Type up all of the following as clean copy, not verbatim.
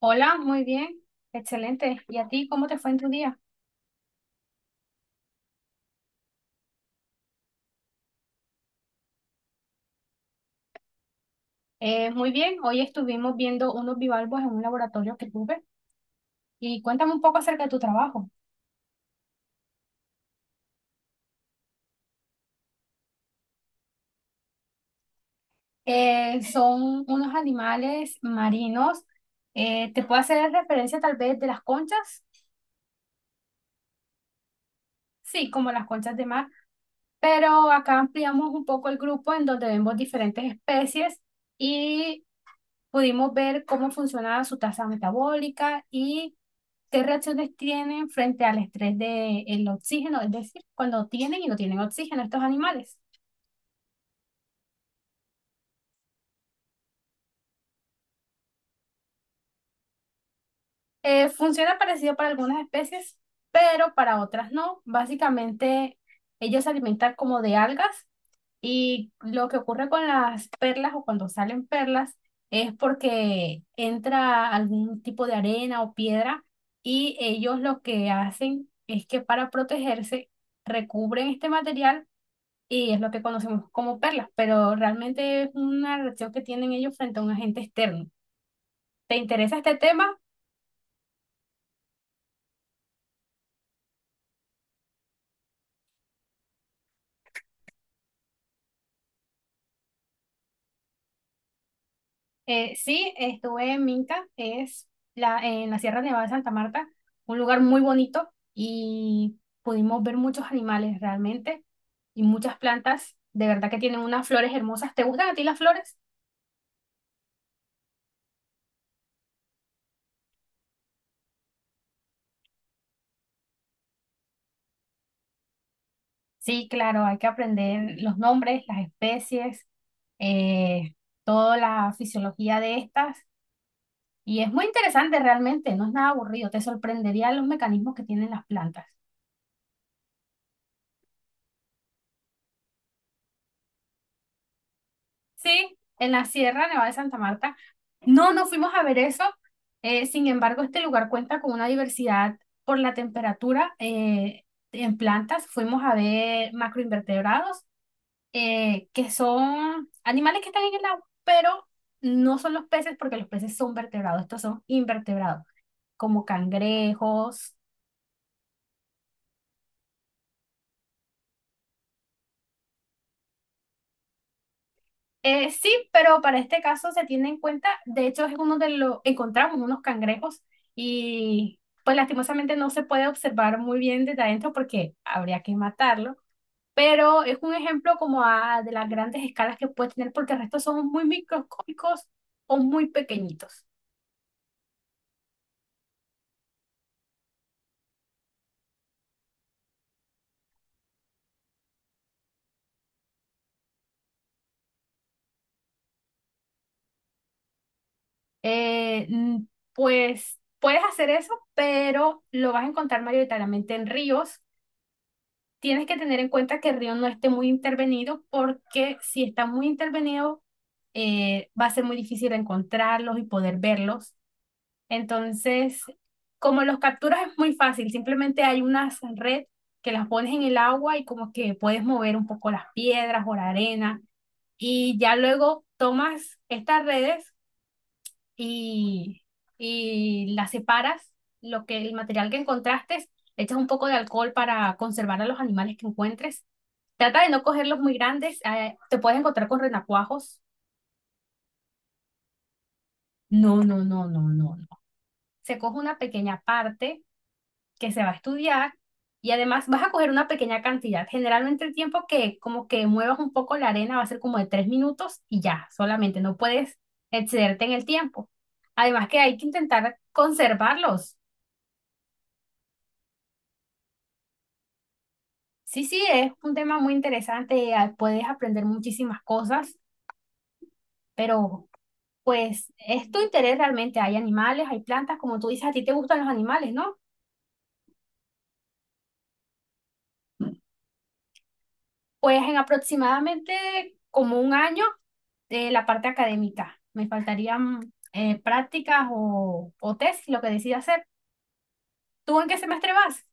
Hola, muy bien, excelente. ¿Y a ti cómo te fue en tu día? Muy bien, hoy estuvimos viendo unos bivalvos en un laboratorio que tuve y cuéntame un poco acerca de tu trabajo. Son unos animales marinos. ¿Te puedo hacer referencia tal vez de las conchas? Sí, como las conchas de mar, pero acá ampliamos un poco el grupo en donde vemos diferentes especies y pudimos ver cómo funcionaba su tasa metabólica y ¿qué reacciones tienen frente al estrés del oxígeno? Es decir, cuando tienen y no tienen oxígeno estos animales. Funciona parecido para algunas especies, pero para otras no. Básicamente, ellos se alimentan como de algas y lo que ocurre con las perlas o cuando salen perlas es porque entra algún tipo de arena o piedra, y ellos lo que hacen es que, para protegerse, recubren este material y es lo que conocemos como perlas, pero realmente es una reacción que tienen ellos frente a un agente externo. ¿Te interesa este tema? Sí, estuve en Minca, es en la Sierra Nevada de Santa Marta, un lugar muy bonito, y pudimos ver muchos animales realmente y muchas plantas, de verdad que tienen unas flores hermosas. ¿Te gustan a ti las flores? Sí, claro, hay que aprender los nombres, las especies, eh, toda la fisiología de estas. Y es muy interesante realmente, no es nada aburrido, te sorprendería los mecanismos que tienen las plantas. Sí, en la Sierra Nevada de Santa Marta. No, no fuimos a ver eso. Sin embargo, este lugar cuenta con una diversidad por la temperatura, en plantas. Fuimos a ver macroinvertebrados, que son animales que están en el agua, pero no son los peces, porque los peces son vertebrados, estos son invertebrados, como cangrejos. Sí, pero para este caso se tiene en cuenta, de hecho es uno de los, encontramos unos cangrejos y pues lastimosamente no se puede observar muy bien desde adentro porque habría que matarlo, pero es un ejemplo como de las grandes escalas que puede tener porque el resto son muy microscópicos o muy pequeñitos. Eh, mm, pues puedes hacer eso, pero lo vas a encontrar mayoritariamente en ríos. Tienes que tener en cuenta que el río no esté muy intervenido, porque si está muy intervenido, va a ser muy difícil encontrarlos y poder verlos. Entonces, como los capturas es muy fácil, simplemente hay una red que las pones en el agua y como que puedes mover un poco las piedras o la arena, y ya luego tomas estas redes y, y la separas, lo que, el material que encontraste, le echas un poco de alcohol para conservar a los animales que encuentres. Trata de no cogerlos muy grandes, te puedes encontrar con renacuajos. No, no, no, no, no, no. Se coge una pequeña parte que se va a estudiar, y además vas a coger una pequeña cantidad. Generalmente el tiempo que como que muevas un poco la arena va a ser como de 3 minutos, y ya, solamente no puedes excederte en el tiempo. Además que hay que intentar conservarlos. Sí, sí, es un tema muy interesante, puedes aprender muchísimas cosas, pero pues es tu interés realmente, hay animales, hay plantas, como tú dices, a ti te gustan los animales, ¿no? Pues en aproximadamente como 1 año de la parte académica, me faltarían prácticas o test, lo que decidas hacer. ¿Tú en qué semestre vas?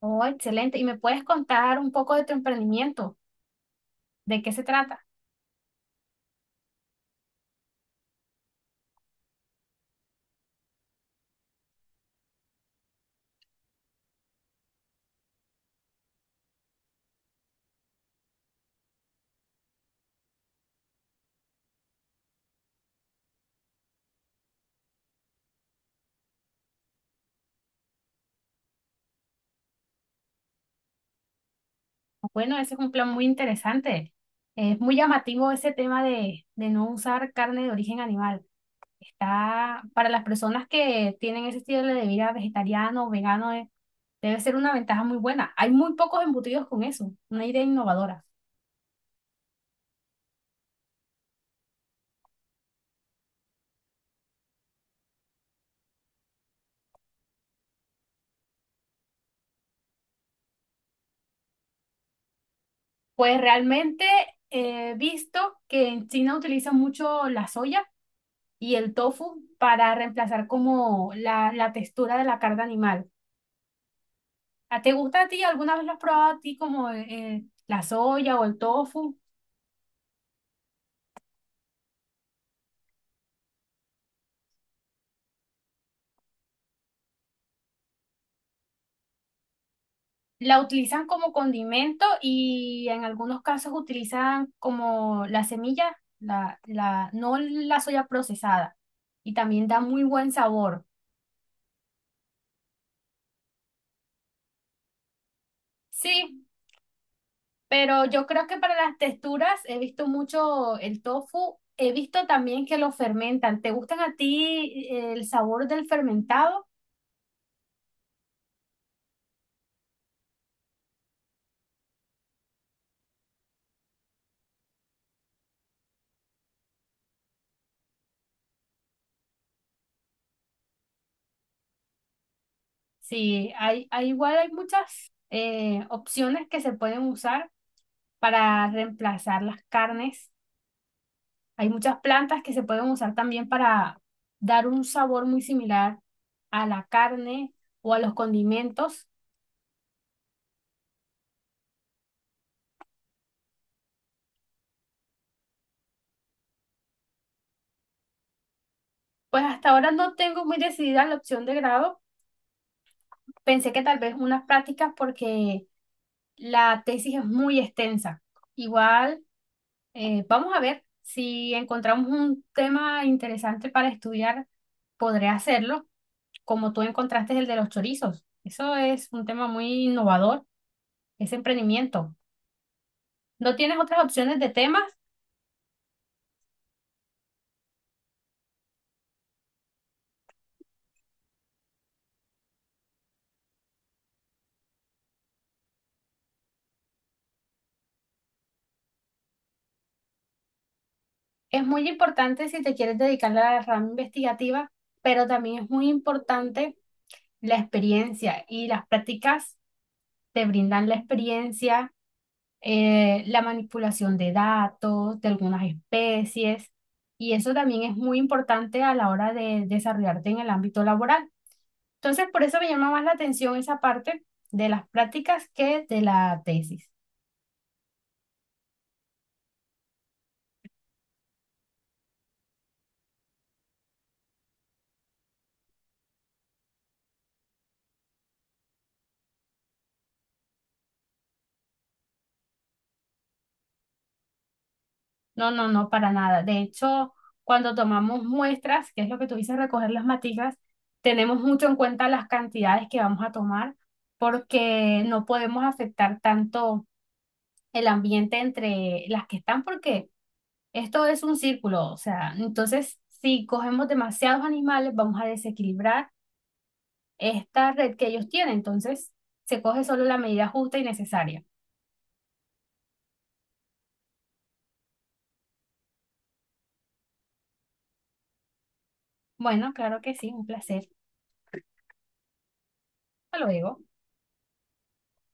Oh, excelente, y me puedes contar un poco de tu emprendimiento, ¿de qué se trata? Bueno, ese es un plan muy interesante. Es muy llamativo ese tema de no usar carne de origen animal. Está para las personas que tienen ese estilo de vida vegetariano o vegano, debe ser una ventaja muy buena. Hay muy pocos embutidos con eso, una idea innovadora. Pues realmente he visto que en China utilizan mucho la soya y el tofu para reemplazar como la textura de la carne animal. ¿Te gusta a ti? ¿Alguna vez lo has probado a ti como la soya o el tofu? La utilizan como condimento, y en algunos casos utilizan como la semilla, no la soya procesada. Y también da muy buen sabor. Sí, pero yo creo que para las texturas he visto mucho el tofu. He visto también que lo fermentan. ¿Te gustan a ti el sabor del fermentado? Sí, hay muchas opciones que se pueden usar para reemplazar las carnes. Hay muchas plantas que se pueden usar también para dar un sabor muy similar a la carne o a los condimentos. Pues hasta ahora no tengo muy decidida la opción de grado. Pensé que tal vez unas prácticas porque la tesis es muy extensa. Igual, vamos a ver si encontramos un tema interesante para estudiar, podré hacerlo, como tú encontraste el de los chorizos. Eso es un tema muy innovador, ese emprendimiento. ¿No tienes otras opciones de temas? Es muy importante si te quieres dedicar a la rama investigativa, pero también es muy importante la experiencia, y las prácticas te brindan la experiencia, la manipulación de datos, de algunas especies, y eso también es muy importante a la hora de desarrollarte en el ámbito laboral. Entonces, por eso me llama más la atención esa parte de las prácticas que de la tesis. No, no, no, para nada. De hecho, cuando tomamos muestras, que es lo que tú dices, recoger las maticas, tenemos mucho en cuenta las cantidades que vamos a tomar, porque no podemos afectar tanto el ambiente entre las que están, porque esto es un círculo. O sea, entonces, si cogemos demasiados animales, vamos a desequilibrar esta red que ellos tienen. Entonces, se coge solo la medida justa y necesaria. Bueno, claro que sí, un placer. Hasta luego.